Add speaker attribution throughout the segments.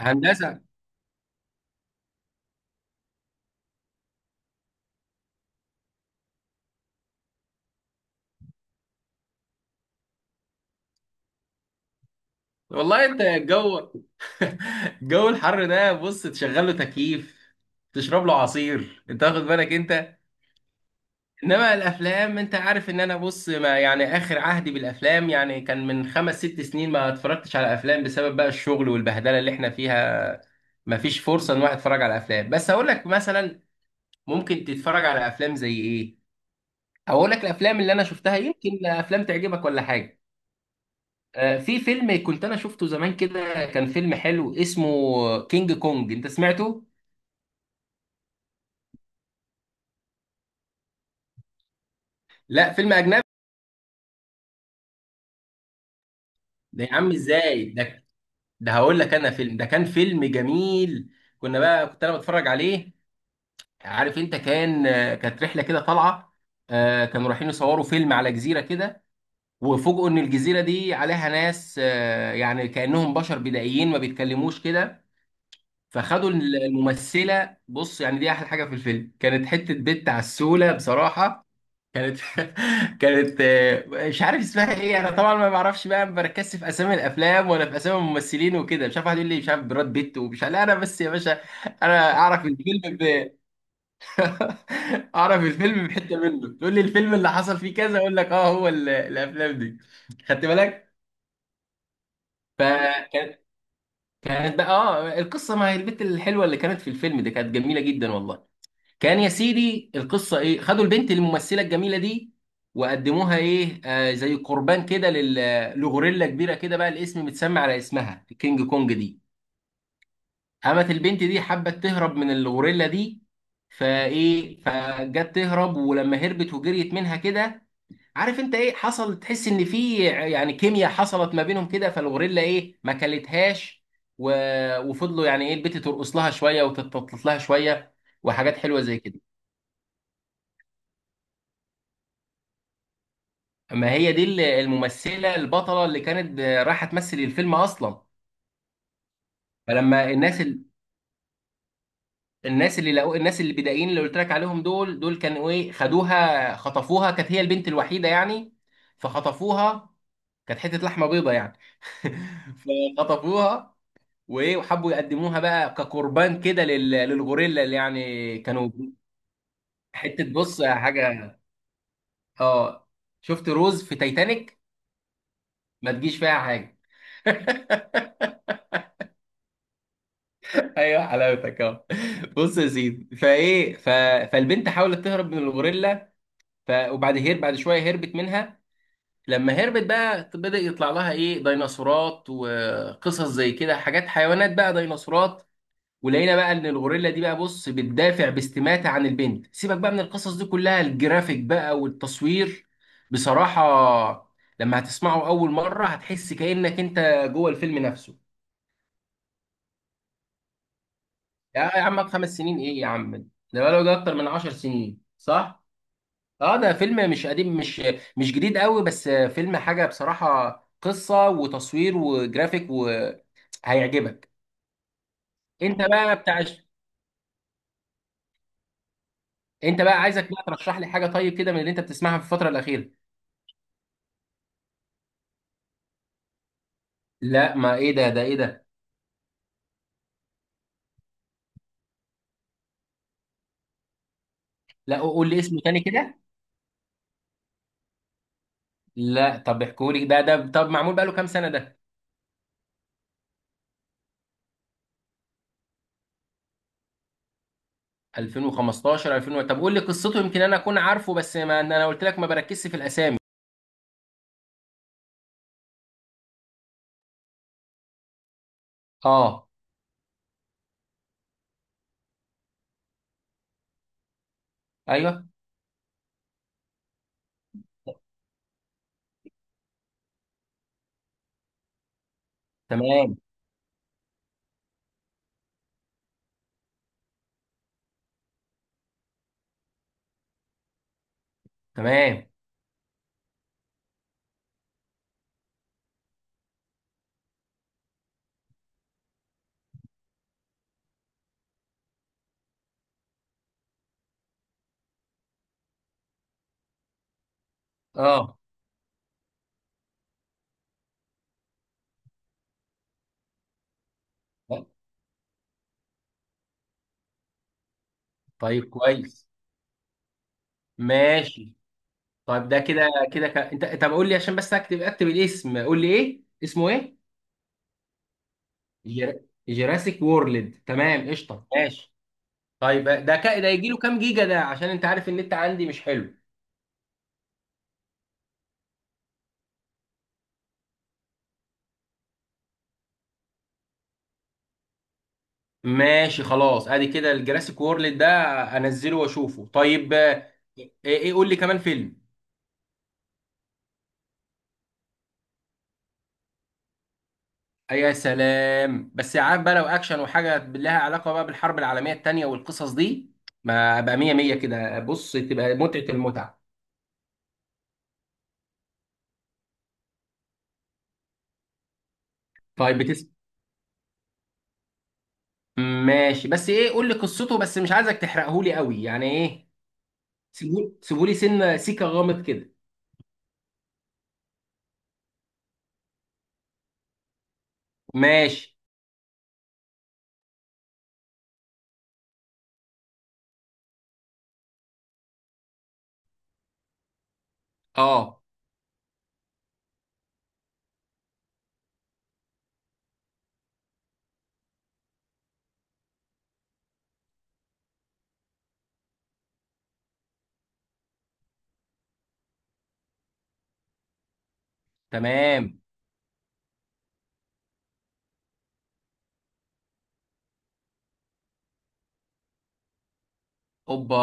Speaker 1: هندسه. والله انت الجو الحر ده بص تشغل له تكييف، تشرب له عصير، انت واخد بالك انت؟ انما الافلام، انت عارف ان انا، بص، ما يعني اخر عهدي بالافلام يعني كان من خمس ست سنين، ما اتفرجتش على افلام بسبب بقى الشغل والبهدله اللي احنا فيها. ما فيش فرصه ان واحد يتفرج على افلام، بس هقول لك مثلا ممكن تتفرج على افلام زي ايه. اقول لك الافلام اللي انا شفتها، يمكن افلام تعجبك ولا حاجه. في فيلم كنت انا شفته زمان كده، كان فيلم حلو اسمه كينج كونج، انت سمعته؟ لا، فيلم اجنبي. ده يا عم ازاي ده؟ هقول لك انا، فيلم ده كان فيلم جميل. كنا بقى كنت انا بتفرج عليه، عارف انت؟ كان كانت رحله كده طالعه، كانوا رايحين يصوروا فيلم على جزيره كده، وفوجئوا ان الجزيره دي عليها ناس، يعني كانهم بشر بدائيين ما بيتكلموش كده. فخدوا الممثله، بص يعني دي احلى حاجه في الفيلم، كانت حته بنت عسوله بصراحه. كانت كانت مش عارف اسمها ايه انا طبعا، ما بعرفش بقى، ما بركزش في اسامي الافلام ولا في اسامي الممثلين وكده. مش عارف واحد يقول لي مش عارف براد بيت ومش عارف، لا انا بس يا باشا. انا اعرف الفيلم اعرف الفيلم بحته منه، تقول لي الفيلم اللي حصل فيه كذا، اقول لك اه هو الافلام دي. خدت بالك؟ فكانت، كانت بقى اه القصه، ما هي البت الحلوه اللي كانت في الفيلم ده كانت جميله جدا والله. كان يا سيدي القصه ايه، خدوا البنت الممثله الجميله دي وقدموها ايه آه زي قربان كده لغوريلا كبيره كده، بقى الاسم متسمى على اسمها الكينج كونج دي. قامت البنت دي حبت تهرب من الغوريلا دي، فايه فجت تهرب، ولما هربت وجريت منها كده، عارف انت ايه حصل؟ تحس ان في يعني كيمياء حصلت ما بينهم كده، فالغوريلا ايه ما كلتهاش. و... وفضلوا يعني ايه البنت ترقص لها شويه وتتطلط لها شويه وحاجات حلوه زي كده. ما هي دي الممثلة البطلة اللي كانت رايحة تمثل الفيلم أصلا. فلما الناس الناس اللي لقوا، الناس اللي بدائيين اللي قلت لك عليهم دول، كانوا إيه، خدوها خطفوها، كانت هي البنت الوحيدة يعني. فخطفوها، كانت حتة لحمة بيضة يعني. فخطفوها، وإيه وحبوا يقدموها بقى كقربان كده للغوريلا اللي يعني كانوا. حتة بص حاجة، آه، شفت روز في تايتانيك؟ ما تجيش فيها حاجة. ايوه حلاوتك اهو. بص يا سيدي، فايه فالبنت حاولت تهرب من الغوريلا. وبعد بعد شويه هربت منها. لما هربت بقى، بدأ يطلع لها ايه ديناصورات وقصص زي كده، حاجات حيوانات بقى ديناصورات. ولقينا بقى ان الغوريلا دي بقى بص بتدافع باستماتة عن البنت. سيبك بقى من القصص دي كلها، الجرافيك بقى والتصوير بصراحة، لما هتسمعه اول مرة هتحس كأنك انت جوه الفيلم نفسه. يا عم خمس سنين ايه يا عم؟ ده بقاله ده اكتر من 10 سنين صح؟ اه ده فيلم مش قديم، مش جديد قوي، بس فيلم حاجه بصراحه، قصه وتصوير وجرافيك وهيعجبك. انت بقى بتاع، انت بقى عايزك بقى ترشح لي حاجه طيب كده من اللي انت بتسمعها في الفتره الاخيره. لا ما ايه ده، ايه ده؟ لا قول لي اسمه تاني كده. لا طب احكوا لي ده، طب معمول بقاله كام سنه ده؟ 2015 2000، طب قول لي قصته يمكن انا اكون عارفه، بس ما انا قلت لك ما بركزش في الاسامي. اه ايوه تمام تمام. اه طيب كويس، ماشي. طيب ده كده كده انت طب قول لي عشان بس اكتب، اكتب الاسم، قول لي ايه اسمه ايه. جرا... جراسيك وورلد، تمام قشطه ماشي. طيب ده ده يجي له كام جيجا ده؟ عشان انت عارف ان انت عندي مش حلو. ماشي خلاص ادي كده الجراسيك وورلد ده، انزله واشوفه طيب. ايه قول لي كمان فيلم. أي يا سلام، بس عارف بقى لو اكشن وحاجه لها علاقه بقى بالحرب العالميه الثانيه والقصص دي، ما ابقى مية مية كده، بص تبقى متعه المتعه. طيب بتس، ماشي، بس ايه قول لي قصته، بس مش عايزك تحرقه لي قوي يعني ايه، سيبوا سيبوا لي سنه سيكه غامض كده. ماشي، اه تمام. اوبا!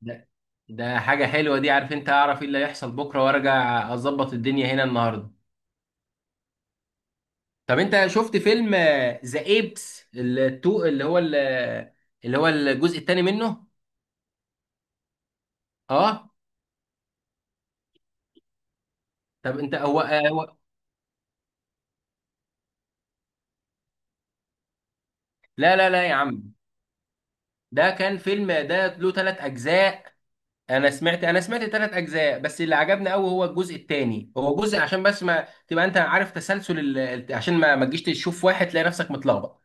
Speaker 1: ده، ده حاجه حلوه دي، عارف انت؟ اعرف ايه اللي هيحصل بكره وارجع اظبط الدنيا هنا النهارده. طب انت شفت فيلم ذا ايبس التو اللي هو اللي هو الجزء الثاني منه؟ اه. طب انت هو هو، لا لا لا يا عم، ده كان فيلم ده له ثلاث اجزاء. انا سمعت ثلاث اجزاء، بس اللي عجبني قوي هو الجزء الثاني، هو جزء عشان بس ما تبقى انت عارف تسلسل عشان ما تجيش تشوف واحد تلاقي نفسك متلخبط.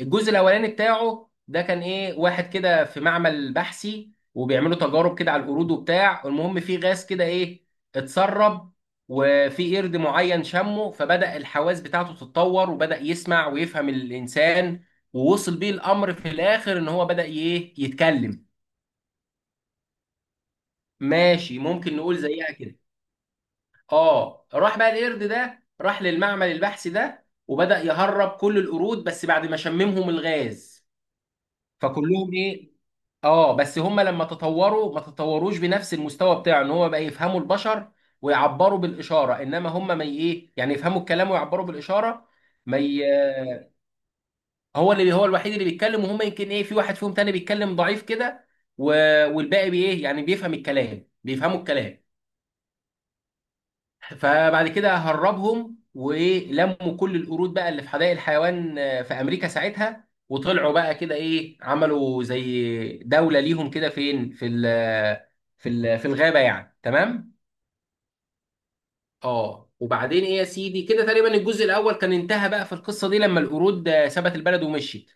Speaker 1: الجزء الاولاني بتاعه ده كان ايه واحد كده في معمل بحثي، وبيعملوا تجارب كده على القرود وبتاع، المهم في غاز كده ايه اتسرب، وفي قرد معين شمه، فبدأ الحواس بتاعته تتطور وبدأ يسمع ويفهم الإنسان. ووصل بيه الأمر في الآخر إن هو بدأ ايه يتكلم. ماشي ممكن نقول زيها كده. اه راح بقى القرد ده راح للمعمل البحثي ده، وبدأ يهرب كل القرود بس بعد ما شممهم الغاز. فكلهم ايه، اه بس هم لما تطوروا ما تطوروش بنفس المستوى بتاعه، ان هو بقى يفهموا البشر ويعبروا بالاشاره، انما هم ما ي- ايه يعني يفهموا الكلام ويعبروا بالاشاره. ما ي... هو اللي هو الوحيد اللي بيتكلم، وهم يمكن ايه في واحد فيهم تاني بيتكلم ضعيف كده. و... والباقي بايه يعني بيفهم الكلام، بيفهموا الكلام. فبعد كده هربهم ولموا كل القرود بقى اللي في حدائق الحيوان، في امريكا ساعتها، وطلعوا بقى كده ايه عملوا زي دولة ليهم كده، فين؟ في ال في في الغابة يعني، تمام. اه وبعدين ايه يا سيدي، كده تقريبا الجزء الاول كان انتهى بقى في القصة دي لما القرود سابت البلد ومشيت.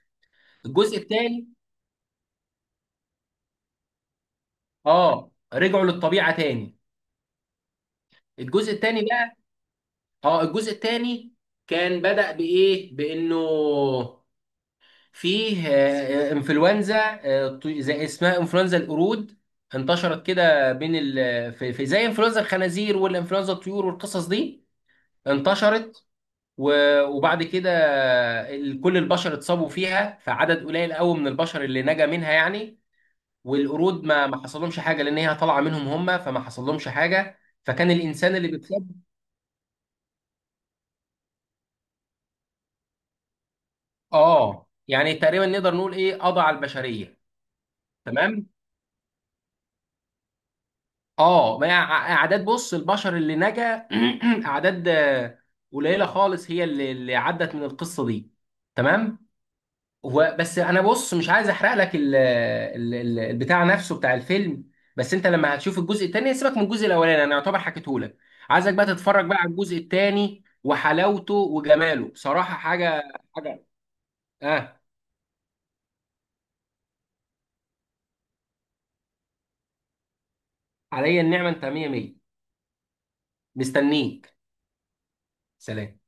Speaker 1: الجزء الثاني، اه رجعوا للطبيعة تاني. الجزء الثاني بقى، اه الجزء الثاني كان بدأ بإيه، بإنه فيه انفلونزا، زي اسمها انفلونزا القرود، انتشرت كده بين في زي انفلونزا الخنازير والانفلونزا الطيور والقصص دي، انتشرت. وبعد كده كل البشر اتصابوا فيها، فعدد قليل قوي من البشر اللي نجا منها يعني. والقرود ما حصلهمش حاجه لان هي طالعه منهم هم، فما حصلهمش حاجه. فكان الانسان اللي بيتصاب، اه يعني تقريبا نقدر نقول ايه قضى على البشريه. تمام. اه ما هي اعداد بص البشر اللي نجا اعداد قليله خالص هي اللي عدت من القصه دي. تمام. هو بس انا بص مش عايز احرق لك البتاع نفسه بتاع الفيلم، بس انت لما هتشوف الجزء التاني يعني سيبك من الجزء الاولاني انا يعتبر حكيته لك. عايزك بقى تتفرج بقى على الجزء التاني، وحلاوته وجماله بصراحه حاجه. حاجه، اه عليا النعمه انت مية مية. مستنيك. سلام.